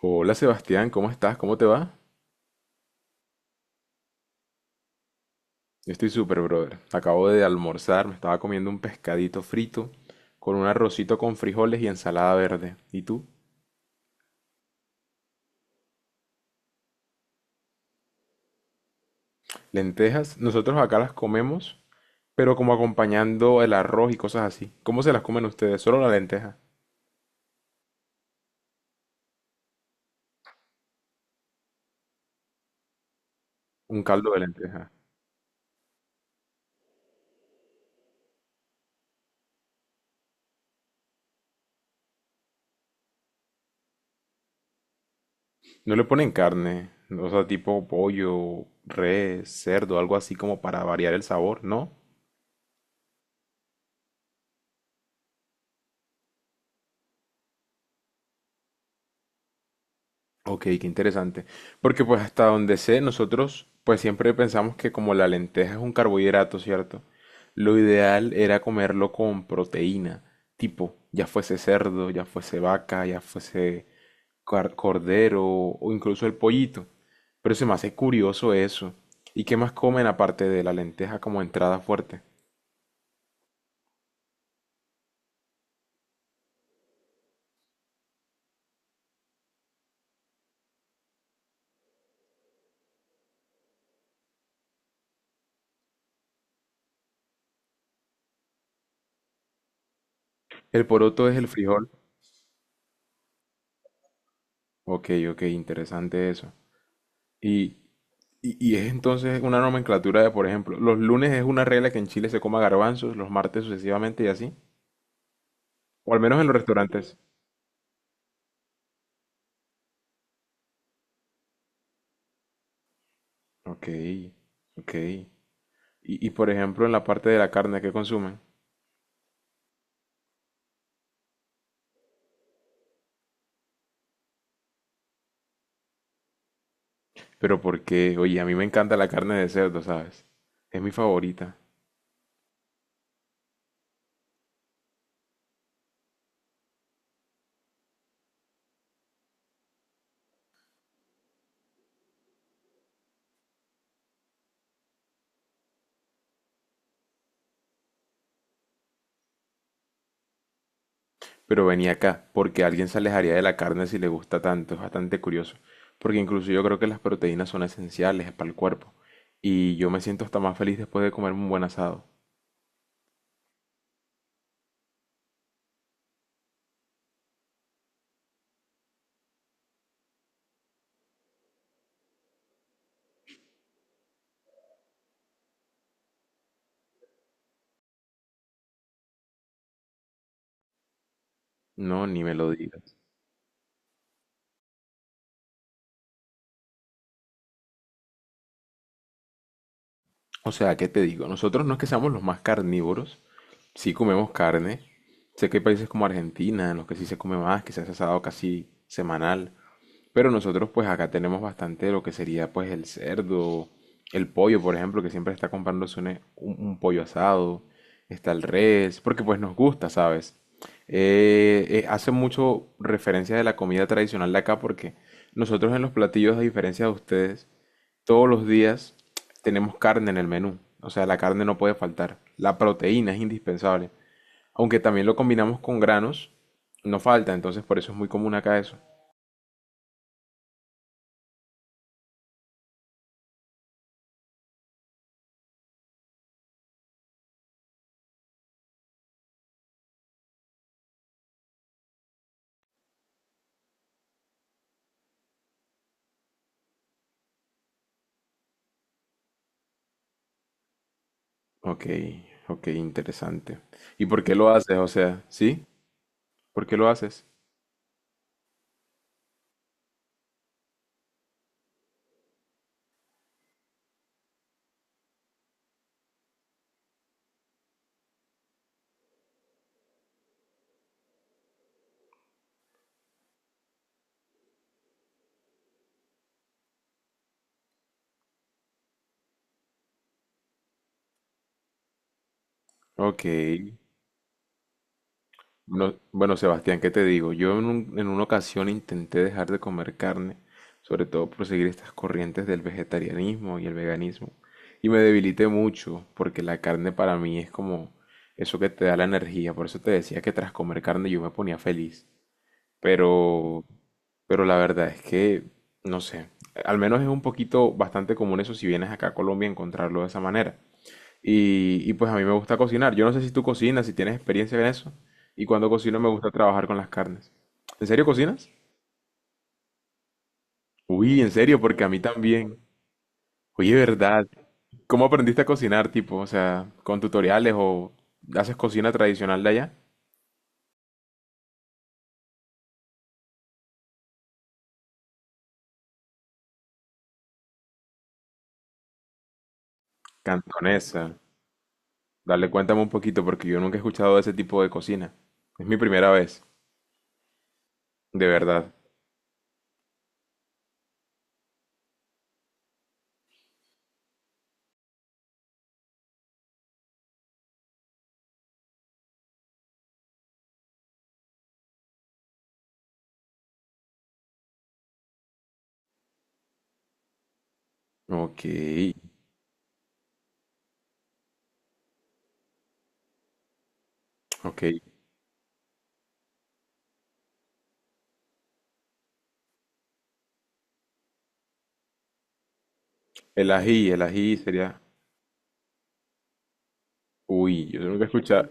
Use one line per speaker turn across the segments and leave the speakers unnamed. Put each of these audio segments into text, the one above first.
Hola Sebastián, ¿cómo estás? ¿Cómo te va? Yo estoy súper, brother. Acabo de almorzar, me estaba comiendo un pescadito frito con un arrocito con frijoles y ensalada verde. ¿Y tú? Lentejas, nosotros acá las comemos, pero como acompañando el arroz y cosas así. ¿Cómo se las comen ustedes? Solo la lenteja, un caldo de lenteja. No le ponen carne, o sea, tipo pollo, res, cerdo, algo así como para variar el sabor, ¿no? Ok, qué interesante. Porque pues hasta donde sé, nosotros pues siempre pensamos que como la lenteja es un carbohidrato, ¿cierto? Lo ideal era comerlo con proteína, tipo, ya fuese cerdo, ya fuese vaca, ya fuese cordero o incluso el pollito. Pero se me hace curioso eso. ¿Y qué más comen aparte de la lenteja como entrada fuerte? El poroto es el frijol. Ok, ok, interesante eso. ¿Y y es entonces una nomenclatura de, por ejemplo, los lunes es una regla que en Chile se coma garbanzos, los martes sucesivamente y así. O al menos en los restaurantes. Ok, ok. Y por ejemplo, en la parte de la carne que consumen. Pero porque, oye, a mí me encanta la carne de cerdo, ¿sabes? Es mi favorita. Pero venía acá, porque alguien se alejaría de la carne si le gusta tanto. Es bastante curioso. Porque incluso yo creo que las proteínas son esenciales para el cuerpo. Y yo me siento hasta más feliz después de comerme un buen asado. No, ni me lo digas. O sea, ¿qué te digo? Nosotros no es que seamos los más carnívoros, sí comemos carne. Sé que hay países como Argentina en los que sí se come más, que se hace asado casi semanal, pero nosotros pues acá tenemos bastante lo que sería pues el cerdo, el pollo, por ejemplo, que siempre está comprándose pollo asado, está el res, porque pues nos gusta, ¿sabes? Hace mucho referencia de la comida tradicional de acá porque nosotros en los platillos, a diferencia de ustedes, todos los días tenemos carne en el menú. O sea, la carne no puede faltar. La proteína es indispensable. Aunque también lo combinamos con granos, no falta. Entonces, por eso es muy común acá eso. Ok, ok, interesante. ¿Y por qué lo haces? O sea, ¿sí? ¿Por qué lo haces? Ok. Bueno, bueno, Sebastián, ¿qué te digo? En una ocasión intenté dejar de comer carne, sobre todo por seguir estas corrientes del vegetarianismo y el veganismo, y me debilité mucho porque la carne para mí es como eso que te da la energía, por eso te decía que tras comer carne yo me ponía feliz, pero, pero la verdad es que, no sé, al menos es un poquito bastante común eso si vienes acá a Colombia encontrarlo de esa manera. Y pues a mí me gusta cocinar. Yo no sé si tú cocinas, si tienes experiencia en eso. Y cuando cocino me gusta trabajar con las carnes. ¿En serio cocinas? Uy, en serio, porque a mí también. Oye, ¿verdad? ¿Cómo aprendiste a cocinar, tipo? O sea, ¿con tutoriales o haces cocina tradicional de allá? Cantonesa. Dale, cuéntame un poquito, porque yo nunca he escuchado de ese tipo de cocina. Es mi primera vez, de verdad. Ok, ok. El ají sería... Uy, yo nunca he escuchado...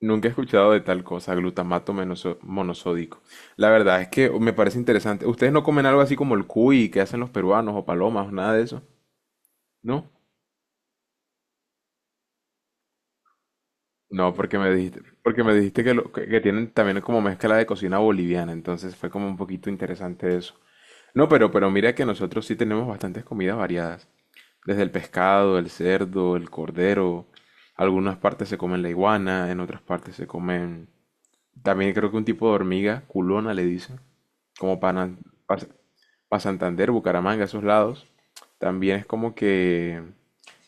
Nunca he escuchado de tal cosa, glutamato monosódico. La verdad es que me parece interesante. ¿Ustedes no comen algo así como el cuy que hacen los peruanos o palomas o nada de eso? ¿No? No, porque me dijiste que, que tienen también como mezcla de cocina boliviana, entonces fue como un poquito interesante eso. No, pero mira que nosotros sí tenemos bastantes comidas variadas. Desde el pescado, el cerdo, el cordero. Algunas partes se comen la iguana, en otras partes se comen. También creo que un tipo de hormiga, culona le dicen, como para Santander, Bucaramanga, esos lados. También es como que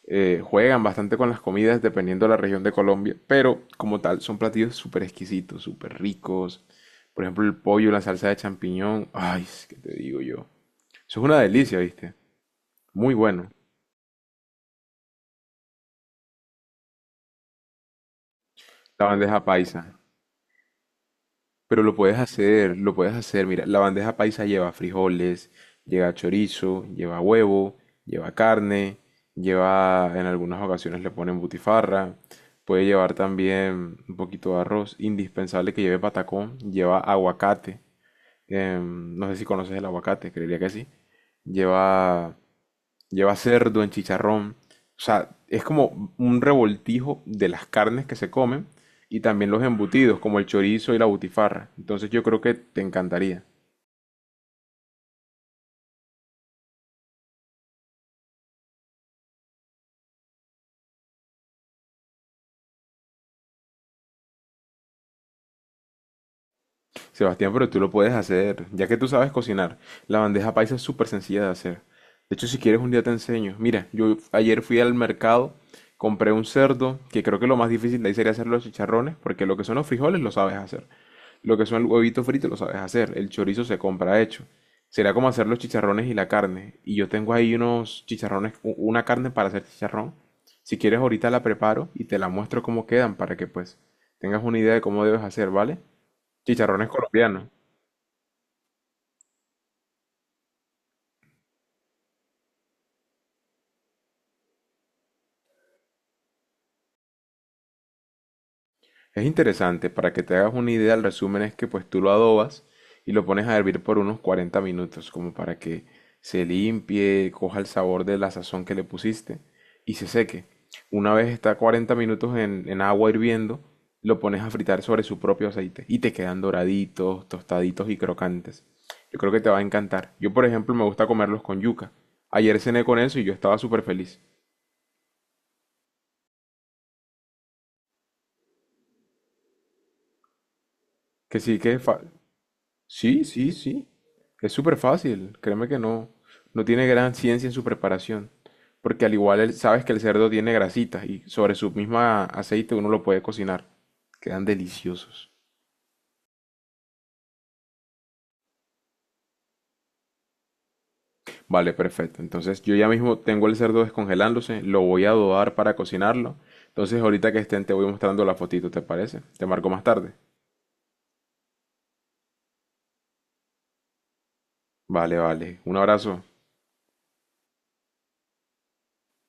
juegan bastante con las comidas dependiendo de la región de Colombia, pero como tal son platillos súper exquisitos, súper ricos. Por ejemplo, el pollo, la salsa de champiñón. Ay, ¿qué te digo yo? Eso es una delicia, ¿viste? Muy bueno. La bandeja paisa. Pero lo puedes hacer, lo puedes hacer. Mira, la bandeja paisa lleva frijoles, lleva chorizo, lleva huevo, lleva carne, lleva, en algunas ocasiones le ponen butifarra. Puede llevar también un poquito de arroz. Indispensable que lleve patacón, lleva aguacate. Em, no sé si conoces el aguacate, creería que sí. Lleva lleva cerdo en chicharrón. O sea, es como un revoltijo de las carnes que se comen y también los embutidos, como el chorizo y la butifarra. Entonces yo creo que te encantaría. Sebastián, pero tú lo puedes hacer, ya que tú sabes cocinar. La bandeja paisa es súper sencilla de hacer. De hecho, si quieres un día te enseño. Mira, yo ayer fui al mercado, compré un cerdo, que creo que lo más difícil de ahí sería hacer los chicharrones, porque lo que son los frijoles lo sabes hacer. Lo que son el huevito frito lo sabes hacer, el chorizo se compra hecho. Será como hacer los chicharrones y la carne. Y yo tengo ahí unos chicharrones, una carne para hacer chicharrón. Si quieres ahorita la preparo y te la muestro cómo quedan para que pues tengas una idea de cómo debes hacer, ¿vale? Chicharrones colombianos. Es interesante, para que te hagas una idea, el resumen es que pues tú lo adobas y lo pones a hervir por unos 40 minutos, como para que se limpie, coja el sabor de la sazón que le pusiste y se seque. Una vez está 40 minutos en agua hirviendo, lo pones a fritar sobre su propio aceite y te quedan doraditos, tostaditos y crocantes. Yo creo que te va a encantar. Yo, por ejemplo, me gusta comerlos con yuca. Ayer cené con eso y yo estaba súper feliz. Que sí, que fa- Sí, sí, sí. Es súper fácil. Créeme que no, no tiene gran ciencia en su preparación. Porque al igual sabes que el cerdo tiene grasitas y sobre su misma aceite uno lo puede cocinar. Quedan deliciosos. Vale, perfecto. Entonces yo ya mismo tengo el cerdo descongelándose, lo voy a adobar para cocinarlo. Entonces ahorita que estén te voy mostrando la fotito, ¿te parece? Te marco más tarde. Vale, vale. Un abrazo.